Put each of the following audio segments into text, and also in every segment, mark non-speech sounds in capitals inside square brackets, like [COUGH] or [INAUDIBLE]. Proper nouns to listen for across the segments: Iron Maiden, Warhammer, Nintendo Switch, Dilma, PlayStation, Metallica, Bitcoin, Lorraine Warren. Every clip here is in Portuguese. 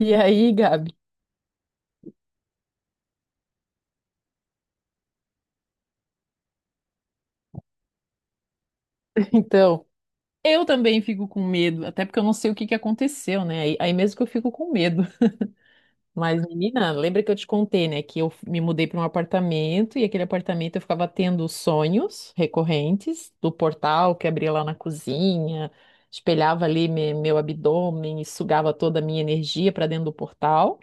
E aí, Gabi? [LAUGHS] Então, eu também fico com medo, até porque eu não sei o que que aconteceu, né? Aí mesmo que eu fico com medo. [LAUGHS] Mas, menina, lembra que eu te contei, né? Que eu me mudei para um apartamento e aquele apartamento eu ficava tendo sonhos recorrentes do portal que abria lá na cozinha, espelhava ali meu abdômen e sugava toda a minha energia para dentro do portal.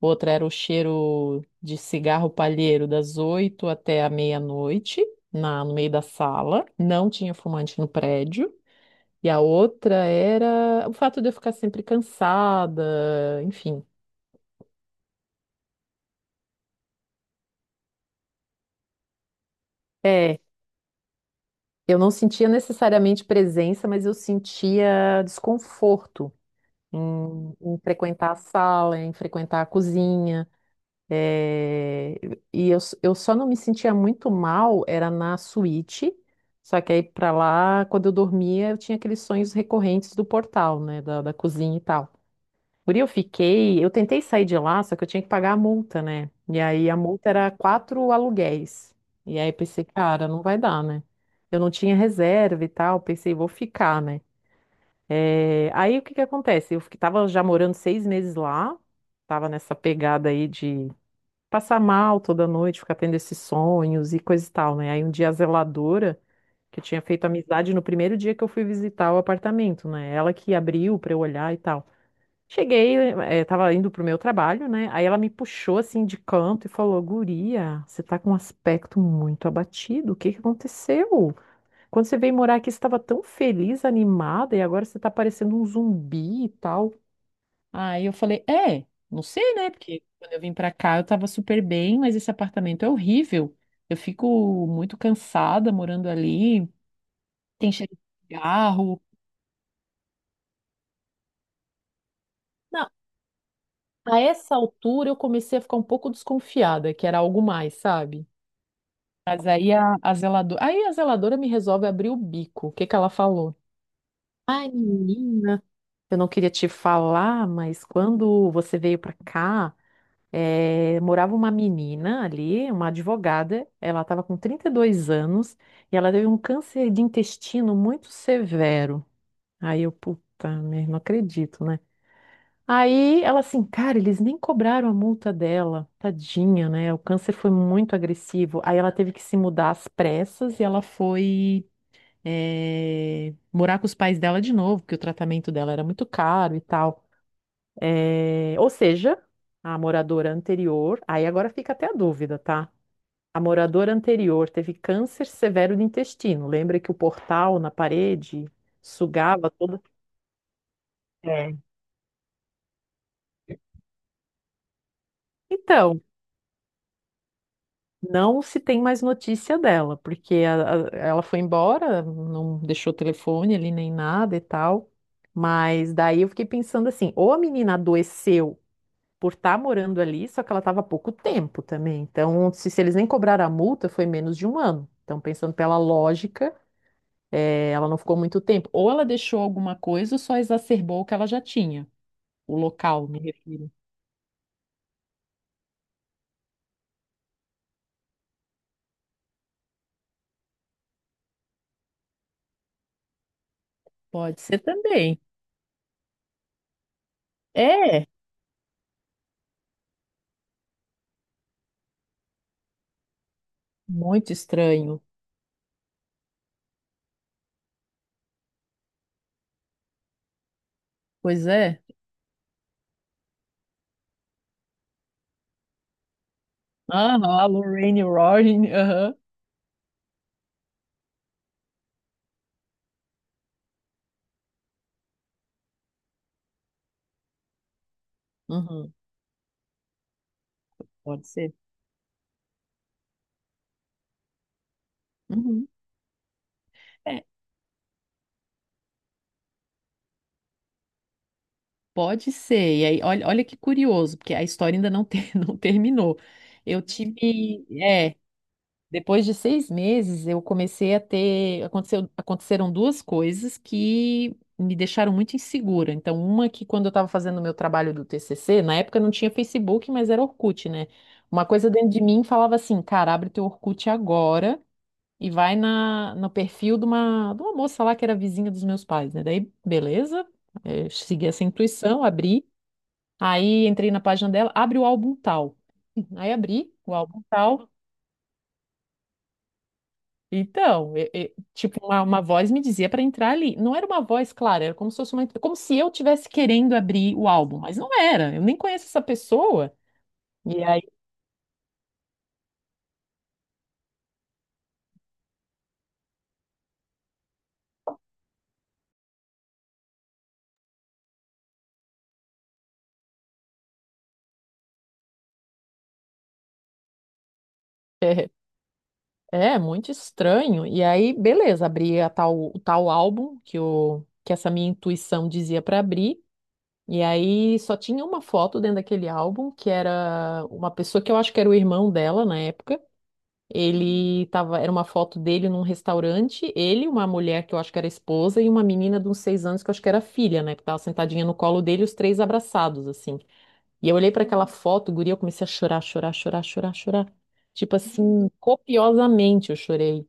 Outra era o cheiro de cigarro palheiro das oito até a meia-noite, no meio da sala. Não tinha fumante no prédio. E a outra era o fato de eu ficar sempre cansada, enfim. É, eu não sentia necessariamente presença, mas eu sentia desconforto em frequentar a sala, em frequentar a cozinha. É, e eu, eu só não me sentia muito mal, era na suíte, só que aí pra lá, quando eu dormia, eu tinha aqueles sonhos recorrentes do portal, né, da cozinha e tal. Por aí eu fiquei, eu tentei sair de lá, só que eu tinha que pagar a multa, né? E aí a multa era 4 aluguéis. E aí eu pensei, cara, não vai dar, né? Eu não tinha reserva e tal, pensei, vou ficar, né? É, aí o que que acontece? Tava já morando 6 meses lá, tava nessa pegada aí de passar mal toda noite, ficar tendo esses sonhos e coisa e tal, né? Aí um dia a zeladora, que eu tinha feito amizade no primeiro dia que eu fui visitar o apartamento, né? Ela que abriu pra eu olhar e tal. Cheguei, tava indo pro meu trabalho, né? Aí ela me puxou assim de canto e falou: Guria, você tá com um aspecto muito abatido. O que que aconteceu? Quando você veio morar aqui, você estava tão feliz, animada, e agora você tá parecendo um zumbi e tal. Aí eu falei, é, não sei, né? Porque quando eu vim pra cá eu tava super bem, mas esse apartamento é horrível. Eu fico muito cansada morando ali, tem cheiro de cigarro. Não, a essa altura eu comecei a ficar um pouco desconfiada, que era algo mais, sabe? Mas aí a zeladora me resolve abrir o bico. O que que ela falou? Ai, menina, eu não queria te falar, mas quando você veio pra cá morava uma menina ali, uma advogada, ela estava com 32 anos e ela teve um câncer de intestino muito severo. Aí eu, puta, merda, não acredito, né? Aí ela assim, cara, eles nem cobraram a multa dela, tadinha, né? O câncer foi muito agressivo. Aí ela teve que se mudar às pressas e ela foi morar com os pais dela de novo, porque o tratamento dela era muito caro e tal. É, ou seja, a moradora anterior, aí agora fica até a dúvida, tá? A moradora anterior teve câncer severo do intestino. Lembra que o portal na parede sugava toda. É. Então, não se tem mais notícia dela, porque ela foi embora, não deixou telefone ali nem nada e tal. Mas daí eu fiquei pensando assim, ou a menina adoeceu por estar morando ali, só que ela estava há pouco tempo também. Então, se eles nem cobraram a multa, foi menos de um ano. Então, pensando pela lógica, ela não ficou muito tempo. Ou ela deixou alguma coisa ou só exacerbou o que ela já tinha. O local, me refiro. Pode ser também. É, muito estranho. Pois é. Aham, a Lorraine Warren. Aham. Uhum. Pode ser. Uhum. É, pode ser. E aí, olha, olha que curioso, porque a história ainda não, ter, [LAUGHS] não terminou. Eu tive, é, Depois de 6 meses, eu comecei a ter. Aconteceram duas coisas que me deixaram muito insegura. Então, uma que quando eu estava fazendo o meu trabalho do TCC, na época não tinha Facebook, mas era Orkut, né? Uma coisa dentro de mim falava assim: cara, abre teu Orkut agora e vai na, no perfil de uma moça lá que era vizinha dos meus pais, né? Daí, beleza, segui essa intuição, abri. Aí entrei na página dela, abre o álbum tal. Aí abri o álbum tal. Então, tipo, uma voz me dizia para entrar ali. Não era uma voz, clara era como se fosse uma, como se eu tivesse querendo abrir o álbum, mas não era. Eu nem conheço essa pessoa. E aí, é, é muito estranho. E aí, beleza, abri a tal, o tal álbum que o que essa minha intuição dizia para abrir. E aí só tinha uma foto dentro daquele álbum, que era uma pessoa que eu acho que era o irmão dela na época. Ele tava, era uma foto dele num restaurante, ele, uma mulher que eu acho que era esposa, e uma menina de uns 6 anos que eu acho que era filha, né? Que tava sentadinha no colo dele, os três abraçados, assim. E eu olhei para aquela foto, guria, eu comecei a chorar, chorar, chorar, chorar, chorar. Tipo assim, copiosamente eu chorei.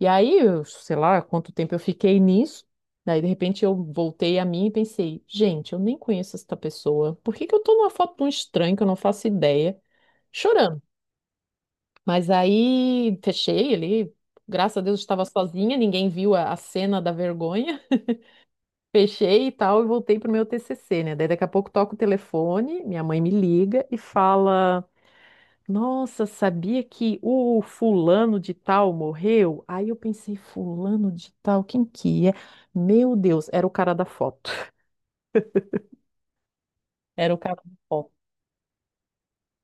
E aí, eu, sei lá quanto tempo eu fiquei nisso. Daí, de repente, eu voltei a mim e pensei, gente, eu nem conheço esta pessoa. Por que que eu tô numa foto de um estranho que eu não faço ideia? Chorando? Mas aí fechei ali. Graças a Deus estava sozinha, ninguém viu a cena da vergonha. [LAUGHS] Fechei e tal, e voltei pro meu TCC, né? Daí daqui a pouco toca o telefone, minha mãe me liga e fala: Nossa, sabia que o fulano de tal morreu? Aí eu pensei: Fulano de tal, quem que é? Meu Deus, era o cara da foto. [LAUGHS] Era o cara da foto.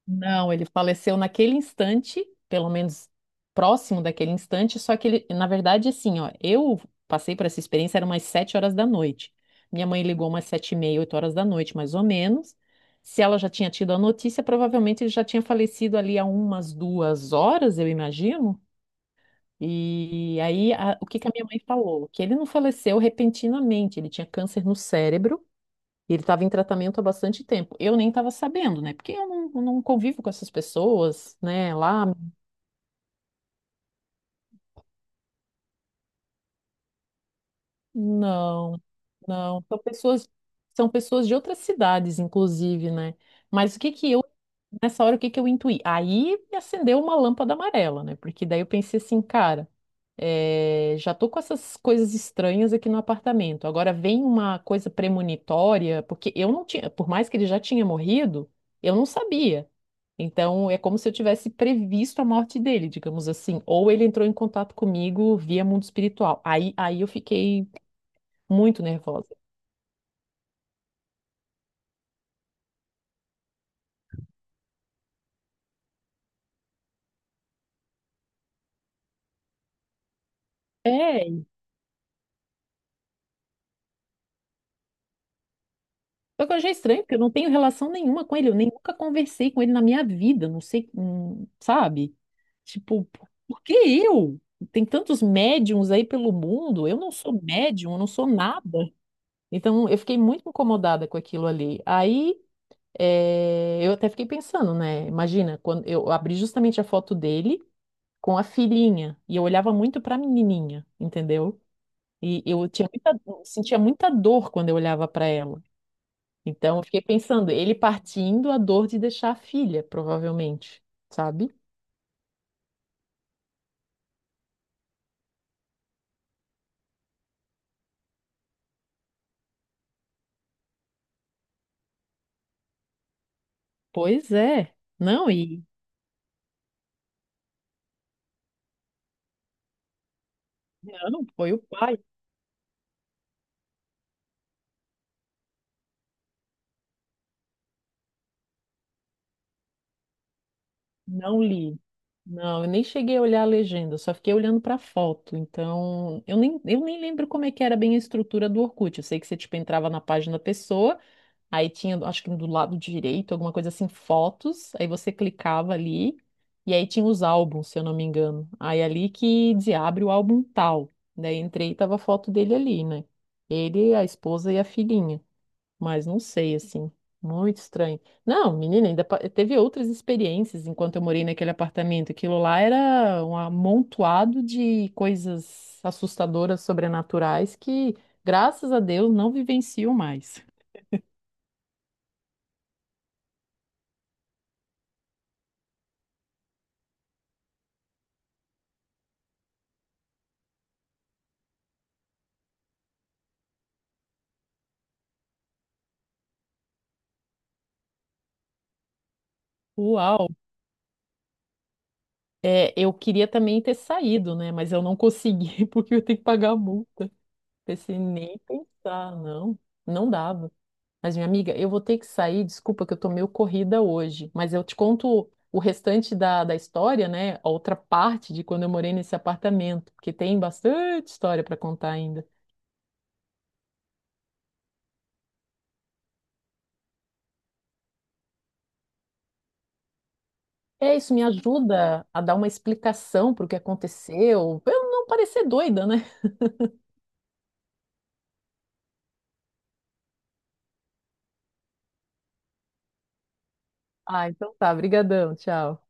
Não, ele faleceu naquele instante, pelo menos próximo daquele instante, só que ele, na verdade, assim, ó, eu passei por essa experiência, era umas 7 horas da noite. Minha mãe ligou umas 7h30, 8 horas da noite, mais ou menos. Se ela já tinha tido a notícia, provavelmente ele já tinha falecido ali há umas 2 horas, eu imagino. E aí, o que que a minha mãe falou? Que ele não faleceu repentinamente, ele tinha câncer no cérebro e ele estava em tratamento há bastante tempo. Eu nem estava sabendo, né? Porque eu não convivo com essas pessoas, né? Lá, não, não. São pessoas de outras cidades, inclusive, né? Mas o que que eu, nessa hora, o que que eu intuí? Aí me acendeu uma lâmpada amarela, né? Porque daí eu pensei assim, cara, já tô com essas coisas estranhas aqui no apartamento. Agora vem uma coisa premonitória, porque eu não tinha, por mais que ele já tinha morrido, eu não sabia. Então, é como se eu tivesse previsto a morte dele, digamos assim. Ou ele entrou em contato comigo via mundo espiritual. Aí eu fiquei muito nervosa. É, só que eu achei estranho, porque eu não tenho relação nenhuma com ele. Eu nem nunca conversei com ele na minha vida. Não sei, sabe? Tipo, por que eu? Tem tantos médiums aí pelo mundo. Eu não sou médium, eu não sou nada. Então, eu fiquei muito incomodada com aquilo ali. Aí. É, eu até fiquei pensando, né? Imagina, quando eu abri justamente a foto dele com a filhinha e eu olhava muito pra menininha, entendeu? E eu sentia muita dor quando eu olhava pra ela. Então, eu fiquei pensando, ele partindo a dor de deixar a filha, provavelmente, sabe? Pois é. Não, e não, foi o pai. Não li. Não, eu nem cheguei a olhar a legenda, só fiquei olhando para a foto. Então, eu nem lembro como é que era bem a estrutura do Orkut. Eu sei que você, tipo, entrava na página da pessoa, aí tinha, acho que do lado direito, alguma coisa assim, fotos, aí você clicava ali, e aí tinha os álbuns, se eu não me engano. Aí é ali que dizia, abre o álbum tal. Daí entrei e tava a foto dele ali, né? Ele, a esposa e a filhinha. Mas não sei, assim, muito estranho. Não, menina, teve outras experiências enquanto eu morei naquele apartamento. Aquilo lá era um amontoado de coisas assustadoras, sobrenaturais, que, graças a Deus, não vivencio mais. Uau! É, eu queria também ter saído, né? Mas eu não consegui, [LAUGHS] porque eu tenho que pagar a multa. Pensei, nem pensar, não. Não dava. Mas, minha amiga, eu vou ter que sair, desculpa que eu tô meio corrida hoje, mas eu te conto o restante da história, né? A outra parte de quando eu morei nesse apartamento, porque tem bastante história para contar ainda. É, isso me ajuda a dar uma explicação para o que aconteceu, pra eu não parecer doida, né? Ah, então tá, brigadão, tchau.